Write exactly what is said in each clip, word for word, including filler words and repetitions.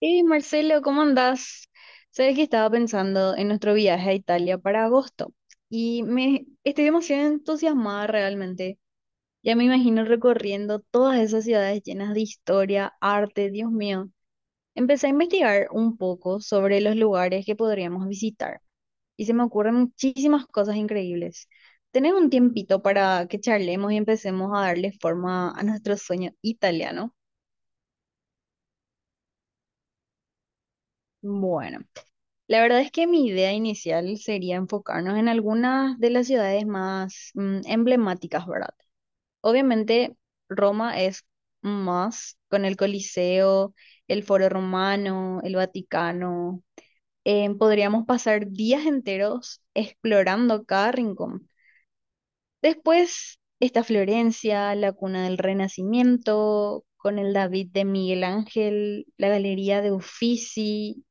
Hey Marcelo, ¿cómo andás? Sabes que estaba pensando en nuestro viaje a Italia para agosto y me estoy demasiado entusiasmada realmente. Ya me imagino recorriendo todas esas ciudades llenas de historia, arte, Dios mío. Empecé a investigar un poco sobre los lugares que podríamos visitar y se me ocurren muchísimas cosas increíbles. ¿Tenés un tiempito para que charlemos y empecemos a darle forma a nuestro sueño italiano? Bueno, la verdad es que mi idea inicial sería enfocarnos en algunas de las ciudades más mm, emblemáticas, ¿verdad? Obviamente Roma, es más con el Coliseo, el Foro Romano, el Vaticano. Eh, podríamos pasar días enteros explorando cada rincón. Después está Florencia, la cuna del Renacimiento, con el David de Miguel Ángel, la Galería de Uffizi,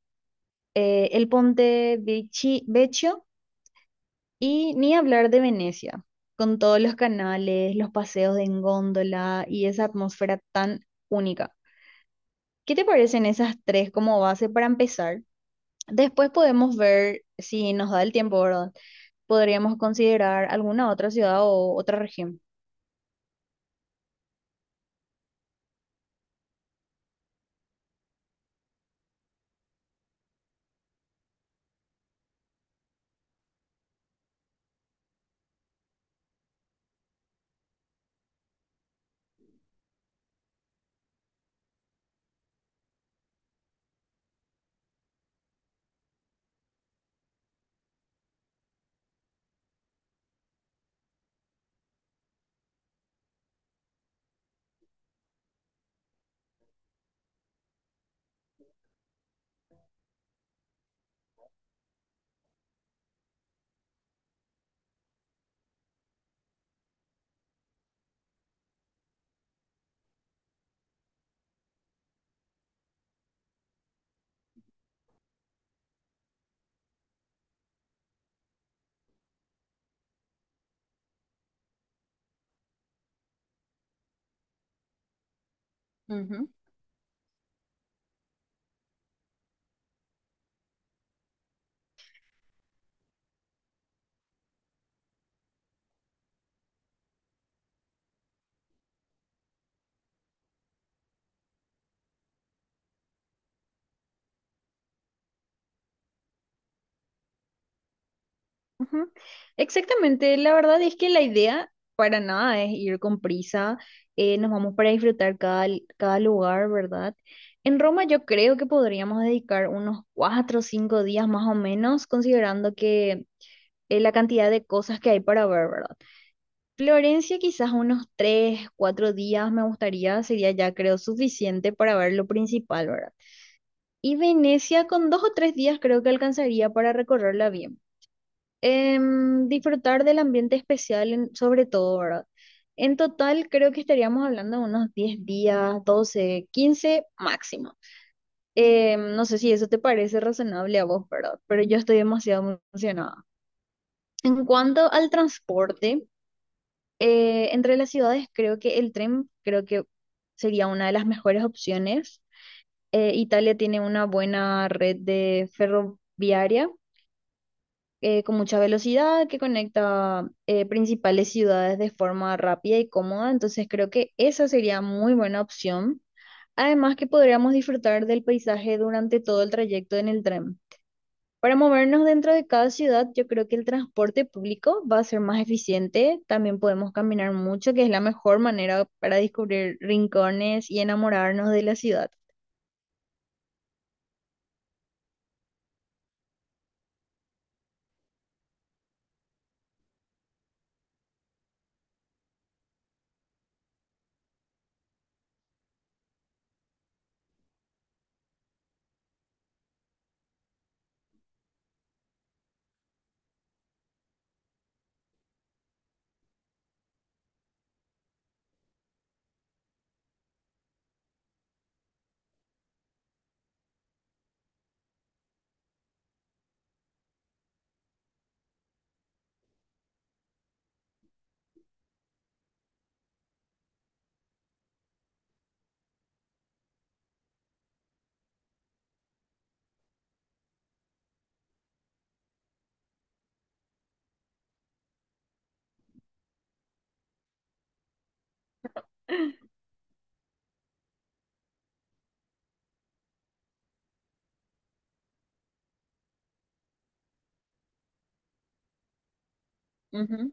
eh, el Ponte Vecchi- Vecchio Y ni hablar de Venecia, con todos los canales, los paseos en góndola y esa atmósfera tan única. ¿Qué te parecen esas tres como base para empezar? Después podemos ver, si nos da el tiempo, ¿verdad? Podríamos considerar alguna otra ciudad o otra región. Ujú. Exactamente, la verdad es que la idea para nada es ir con prisa. Eh, nos vamos para disfrutar cada, l- cada lugar, ¿verdad? En Roma yo creo que podríamos dedicar unos cuatro o cinco días más o menos, considerando que eh, la cantidad de cosas que hay para ver, ¿verdad? Florencia quizás unos tres, cuatro días me gustaría, sería ya creo suficiente para ver lo principal, ¿verdad? Y Venecia con dos o tres días creo que alcanzaría para recorrerla bien. Em, disfrutar del ambiente especial en- sobre todo, ¿verdad? En total creo que estaríamos hablando de unos diez días, doce, quince máximo. Em, no sé si eso te parece razonable a vos, ¿verdad? Pero yo estoy demasiado emocionada. En cuanto al transporte, eh, entre las ciudades creo que el tren creo que sería una de las mejores opciones. Eh, Italia tiene una buena red de ferroviaria, eh, con mucha velocidad, que conecta eh, principales ciudades de forma rápida y cómoda. Entonces creo que esa sería muy buena opción. Además, que podríamos disfrutar del paisaje durante todo el trayecto en el tren. Para movernos dentro de cada ciudad, yo creo que el transporte público va a ser más eficiente. También podemos caminar mucho, que es la mejor manera para descubrir rincones y enamorarnos de la ciudad. Ujú,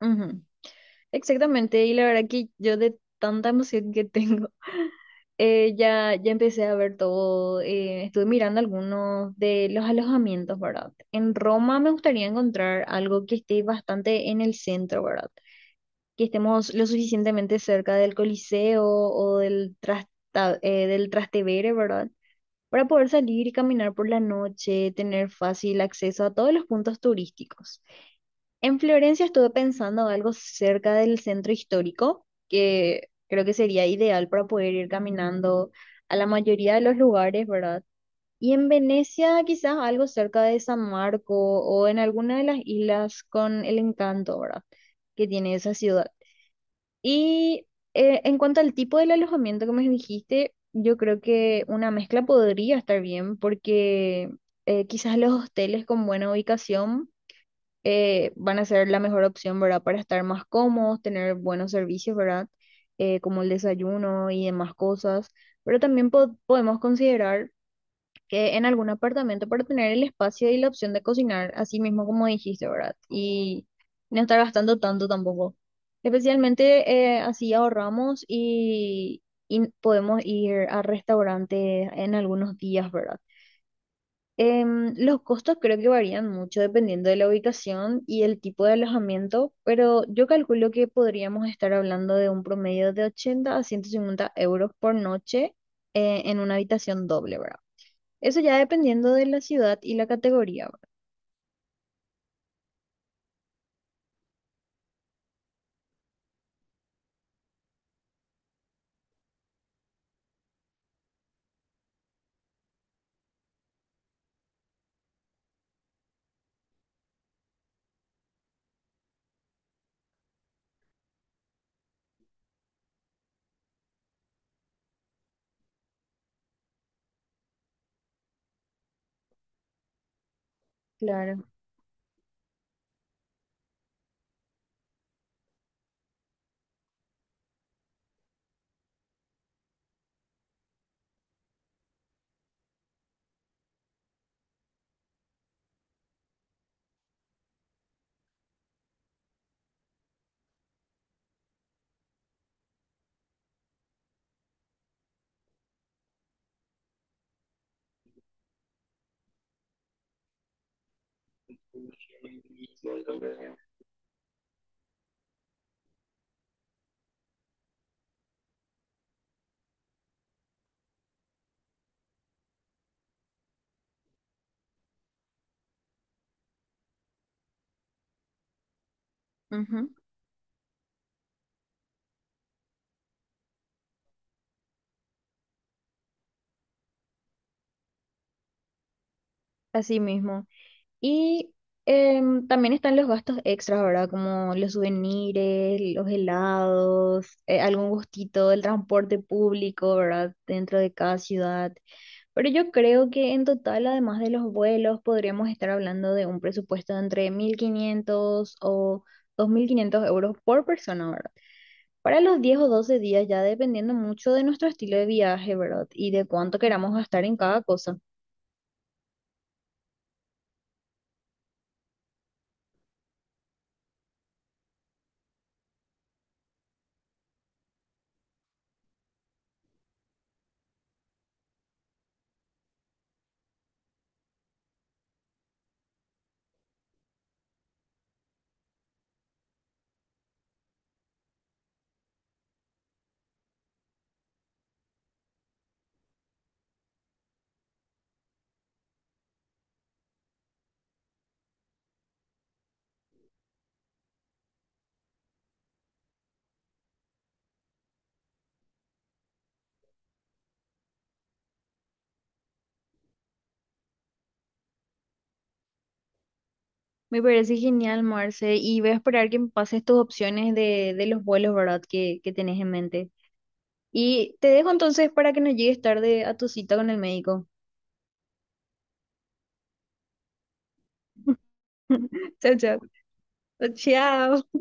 ujú. Exactamente, y la verdad que yo, de tanta emoción que tengo, eh, ya, ya empecé a ver todo. Eh, estuve mirando algunos de los alojamientos, ¿verdad? En Roma me gustaría encontrar algo que esté bastante en el centro, ¿verdad? Que estemos lo suficientemente cerca del Coliseo o del, Trasta- eh, del Trastevere, ¿verdad? Para poder salir y caminar por la noche, tener fácil acceso a todos los puntos turísticos. En Florencia estuve pensando algo cerca del centro histórico, que creo que sería ideal para poder ir caminando a la mayoría de los lugares, ¿verdad? Y en Venecia quizás algo cerca de San Marco o en alguna de las islas, con el encanto, ¿verdad? Que tiene esa ciudad. Y eh, en cuanto al tipo del alojamiento que me dijiste, yo creo que una mezcla podría estar bien, porque eh, quizás los hosteles con buena ubicación eh, van a ser la mejor opción, ¿verdad? Para estar más cómodos, tener buenos servicios, ¿verdad? Eh, como el desayuno y demás cosas. Pero también po- podemos considerar que en algún apartamento, para tener el espacio y la opción de cocinar, así mismo como dijiste, ¿verdad? Y no estar gastando tanto tampoco. Especialmente, eh, así ahorramos y, y podemos ir a restaurantes en algunos días, ¿verdad? Em, los costos creo que varían mucho dependiendo de la ubicación y el tipo de alojamiento, pero yo calculo que podríamos estar hablando de un promedio de ochenta a ciento cincuenta euros por noche, eh, en una habitación doble, ¿verdad? Eso ya, dependiendo de la ciudad y la categoría, ¿verdad? Claro. Ujú. Así mismo. Y em, también están los gastos extras, ¿verdad? Como los souvenirs, los helados, eh, algún gustito, el transporte público, ¿verdad? Dentro de cada ciudad. Pero yo creo que en total, además de los vuelos, podríamos estar hablando de un presupuesto de entre mil quinientos o dos mil quinientos euros por persona, ¿verdad? Para los diez o doce días, ya dependiendo mucho de nuestro estilo de viaje, ¿verdad? Y de cuánto queramos gastar en cada cosa. Me parece genial, Marce, y voy a esperar que me pases tus opciones de, de los vuelos, ¿verdad? Que, que tenés en mente. Y te dejo entonces para que no llegues tarde a tu cita con el médico. Chao, chao. Chao.